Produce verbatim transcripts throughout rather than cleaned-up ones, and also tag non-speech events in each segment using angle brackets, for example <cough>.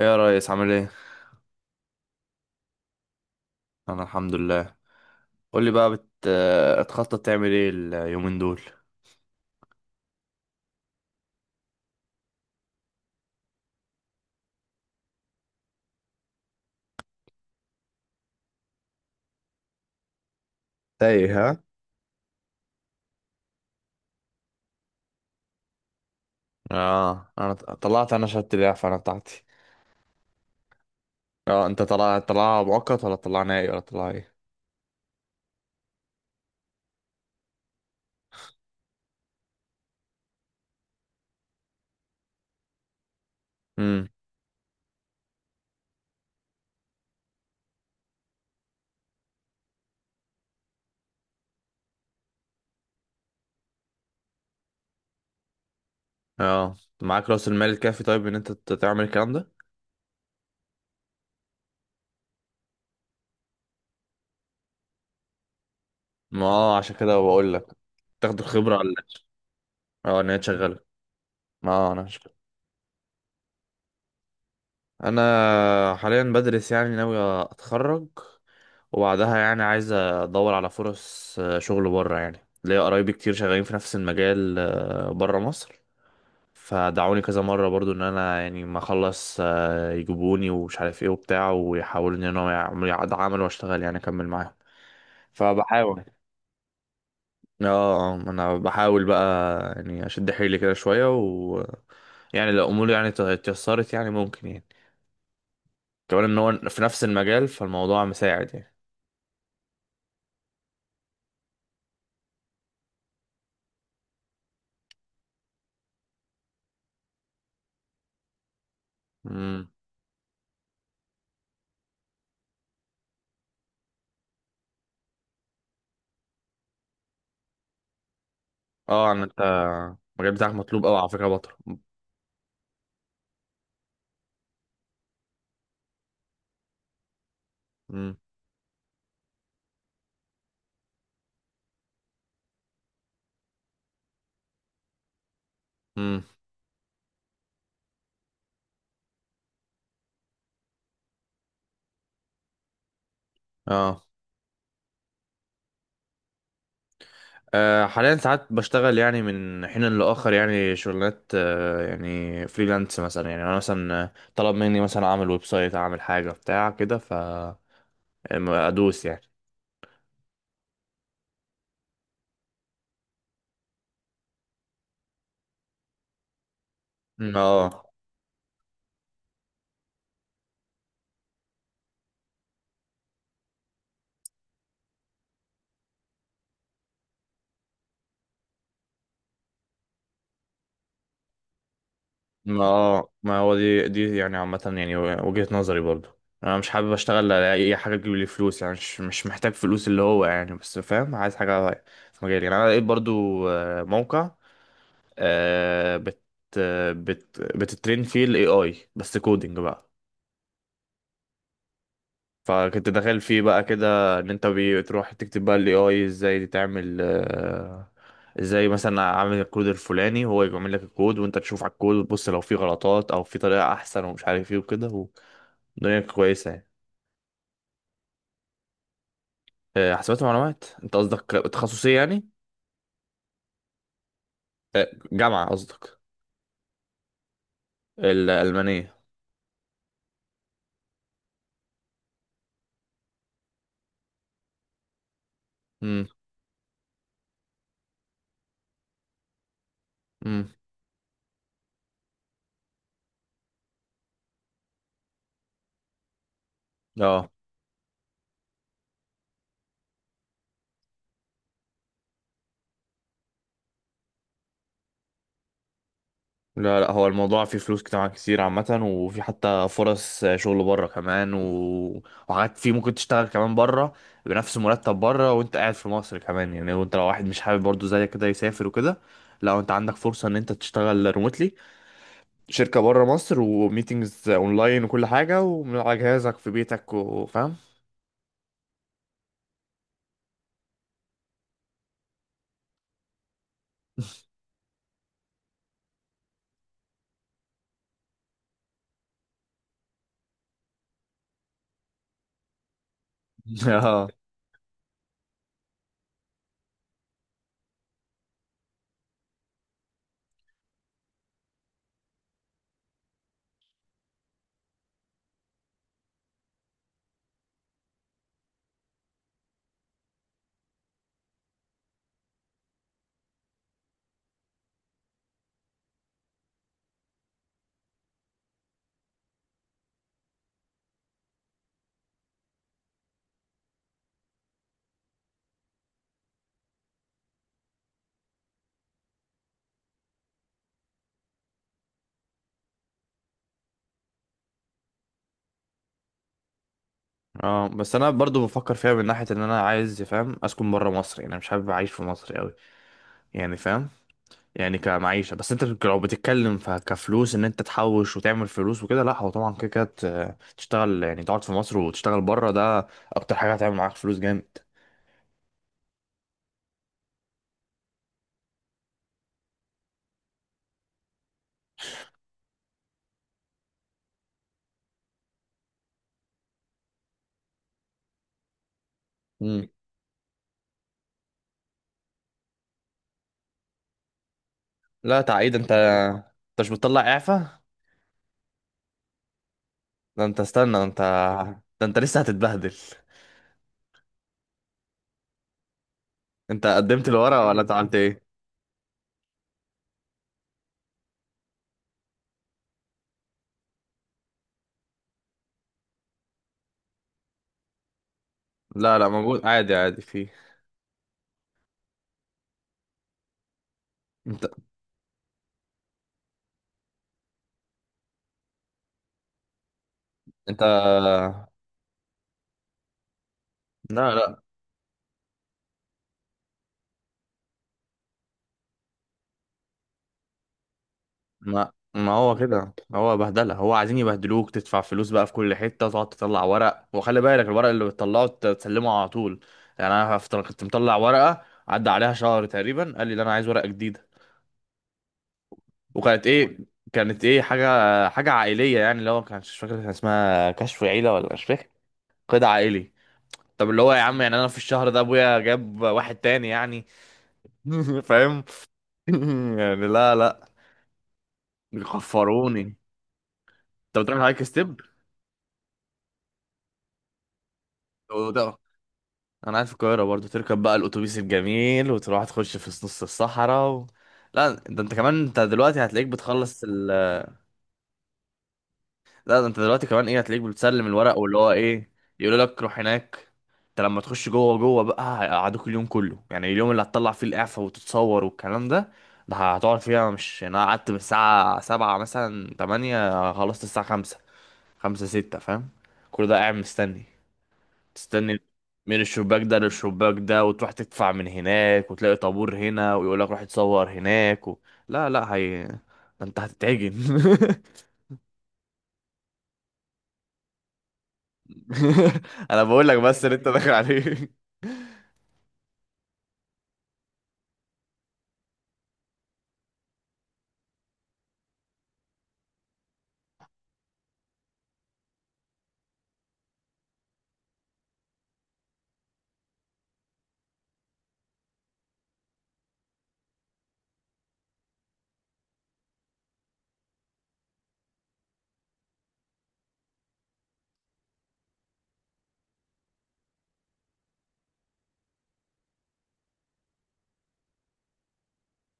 ايه يا ريس، عامل ايه؟ انا الحمد لله. قول لي بقى، بت... بتخطط تعمل ايه اليومين دول؟ تايه، ها؟ اه، انا ط- طلعت انا شهادة الاعفاء انا بتاعتي. اه، انت طلع طلع مؤقت ولا طلع نهائي ولا طلع ايه؟ امم. اه، معاك راس المال الكافي طيب ان انت ت- تعمل الكلام ده؟ ما اه، عشان كده بقول لك. تاخد الخبرة على. اه، ان هي تشغلك. ما آه، انا انا حاليا بدرس يعني ناوي اتخرج. وبعدها يعني عايز ادور على فرص آه، شغل بره يعني. ليا قرايبي كتير شغالين في نفس المجال آه، بره مصر. فدعوني كذا مرة برضو ان انا يعني ما اخلص آه، يجيبوني ومش عارف ايه وبتاع، ويحاولوا ان انا يعملوا يعد- عمل واشتغل يعني اكمل معاهم. فبحاول. اه. آه، ما انا بحاول بقى. يعني اشد حيلي كده شوية و يعني لو اموري يعني ت- اتيسرت يعني ممكن يعني، كمان ان هو في نفس المجال، فالموضوع مساعد يعني. امم. اه، ان انت المجال بتاعك مطلوب قوي على فكره يا بطل. امم. امم. اه. آه، حاليا ساعات بشتغل يعني من حين لآخر، يعني شغلانات آه، يعني فريلانس مثلا، يعني انا مثلا آه، طلب مني مثلا اعمل ويب سايت، اعمل حاجه بتاع كده ف أم- ادوس يعني. مم. اه. ما اه، ما هو دي دي يعني عامة، يعني وجهة نظري برضو. انا مش حابب اشتغل على اي حاجة تجيب لي فلوس يعني، مش مش محتاج فلوس، اللي هو يعني، بس فاهم، عايز حاجة في مجالي يعني. انا لقيت برضو آه، موقع آه، بت آه، بت بتترين فيه الاي اي، بس كودينج بقى. فكنت داخل فيه بقى كده، ان انت بتروح تكتب بقى الاي اي، ازاي تعمل آه، ازاي مثلا اعمل الكود الفلاني، هو يعمل لك الكود، وانت تشوف على الكود وتبص لو في غلطات او في طريقة احسن ومش عارف ايه وكده. الدنيا كويسة يعني. آه، حسابات ومعلومات. انت قصدك تخصصية يعني؟ جامعة قصدك؟ الألمانية. امم. امم. اه. لا، لا، هو الموضوع فيه فلوس جامعة كتير عامة، وفي حتى فرص شغل بره كمان و... وحاجات فيه ممكن تشتغل كمان بره. بنفس مرتب بره، وانت قاعد في مصر كمان يعني. وانت لو واحد مش حابب برضو زيك كده يسافر وكده، لا، انت عندك فرصة ان انت تشتغل ريموتلي. شركة بره مصر وميتينجز اونلاين وكل حاجة، ومن على جهازك في بيتك، وفاهم. <laughs> اه. اه، بس انا برضو بفكر فيها، من ناحيه ان انا عايز فاهم اسكن بره مصر. يعني انا مش حابب اعيش في مصر قوي يعني، فاهم، يعني كمعيشه. بس انت بت- لو بتتكلم ف- كفلوس، ان انت تحوش وتعمل فلوس وكده، لا، هو طبعا كده كده ت- تشتغل يعني. تقعد في مصر وتشتغل بره، ده اكتر حاجه هتعمل معاك فلوس جامد. مم. لا، تعيد؟ انت انت مش بتطلع اعفاء؟ ده انت استنى، ده انت. ده انت لسه هتتبهدل. انت قدمت الورق ولا عادي؟ انت عملت ايه؟ لا، لا، موجود عادي عادي فيه. انت. انت. لا، لا. ما ما هو كده، هو بهدله، هو عايزين يبهدلوك تدفع فلوس بقى في كل حته، تقعد تطلع ورق، وخلي بالك الورق اللي بتطلعه ت- تسلمه على طول. يعني انا هفتر- كنت مطلع ورقه عدى عليها شهر تقريبا، قال لي لا، انا عايز ورقه جديده. وكانت ايه؟ كانت ايه حاجه؟ حاجه عائليه يعني، اللي هو كان مش فاكر، كان اسمها كشف عيله ولا مش فاكر. قيد عائلي. طب اللي هو يا عم، يعني انا في الشهر ده ابويا جاب واحد تاني يعني؟ <laughs> فاهم. <laughs> يعني، لا، لا، بيخفروني. انت بتروح هايك ستيب؟ انا قاعد في القاهره برضو، تركب بقى الاتوبيس الجميل وتروح تخش في نص الصحراء و. لا، ده انت كمان، انت دلوقتي هتلاقيك بتخلص ال... لا، ده انت دلوقتي كمان ايه، هتلاقيك بتسلم الورق واللي هو ايه، يقولوا لك روح هناك. انت لما تخش جوه جوه بقى هيقعدوك اليوم كله. يعني اليوم اللي هتطلع فيه الاعفاء وتتصور والكلام ده، ده هتقعد فيها. مش يعني، انا قعدت من الساعه سبعة مثلا، تمانية، خلصت الساعه خمسة، خمسة ستة، فاهم؟ كل ده قاعد مستني، تستني، من الشباك ده للشباك ده، وتروح تدفع من هناك، وتلاقي طابور هنا ويقول لك روح اتصور هناك و. لا، لا، هي ده، انت هتتعجن. <laughs> انا بقول لك بس اللي انت داخل عليه.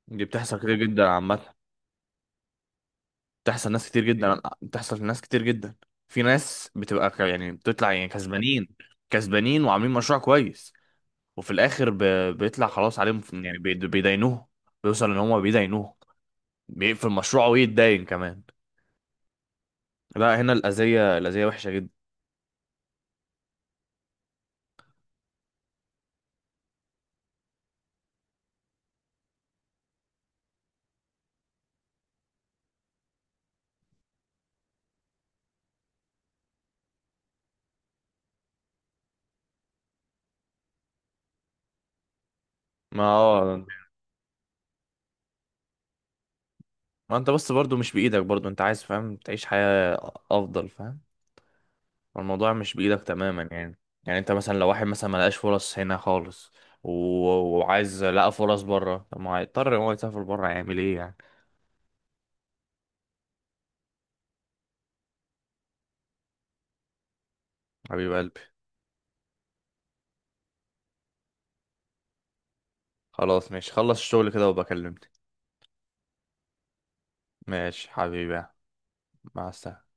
دي بتحصل كتير جدا عامة. بتحصل ناس كتير جدا بتحصل لناس كتير جدا. في ناس بتبقى ك- يعني بتطلع يعني كسبانين، كسبانين وعاملين مشروع كويس، وفي الاخر ب... بيطلع خلاص عليهم يعني، بيد- بيدينوه، بيوصل ان هم بيدينوه، بيقفل مشروعه ويتداين كمان. لا، هنا الأذية الأذية وحشة جدا. ما اه، ما انت بس برضو مش بإيدك. برضو انت عايز فاهم تعيش حياة أفضل، فاهم. الموضوع مش بإيدك تماما يعني. يعني انت مثلا لو واحد مثلا ملقاش فرص هنا خالص، و وعايز لقى فرص بره، طب ما هيضطر ان هو يسافر بره، هيعمل ايه يعني؟ حبيب قلبي. خلاص، ماشي، خلص الشغل كده وبكلمني. ماشي حبيبي. مع السلامة.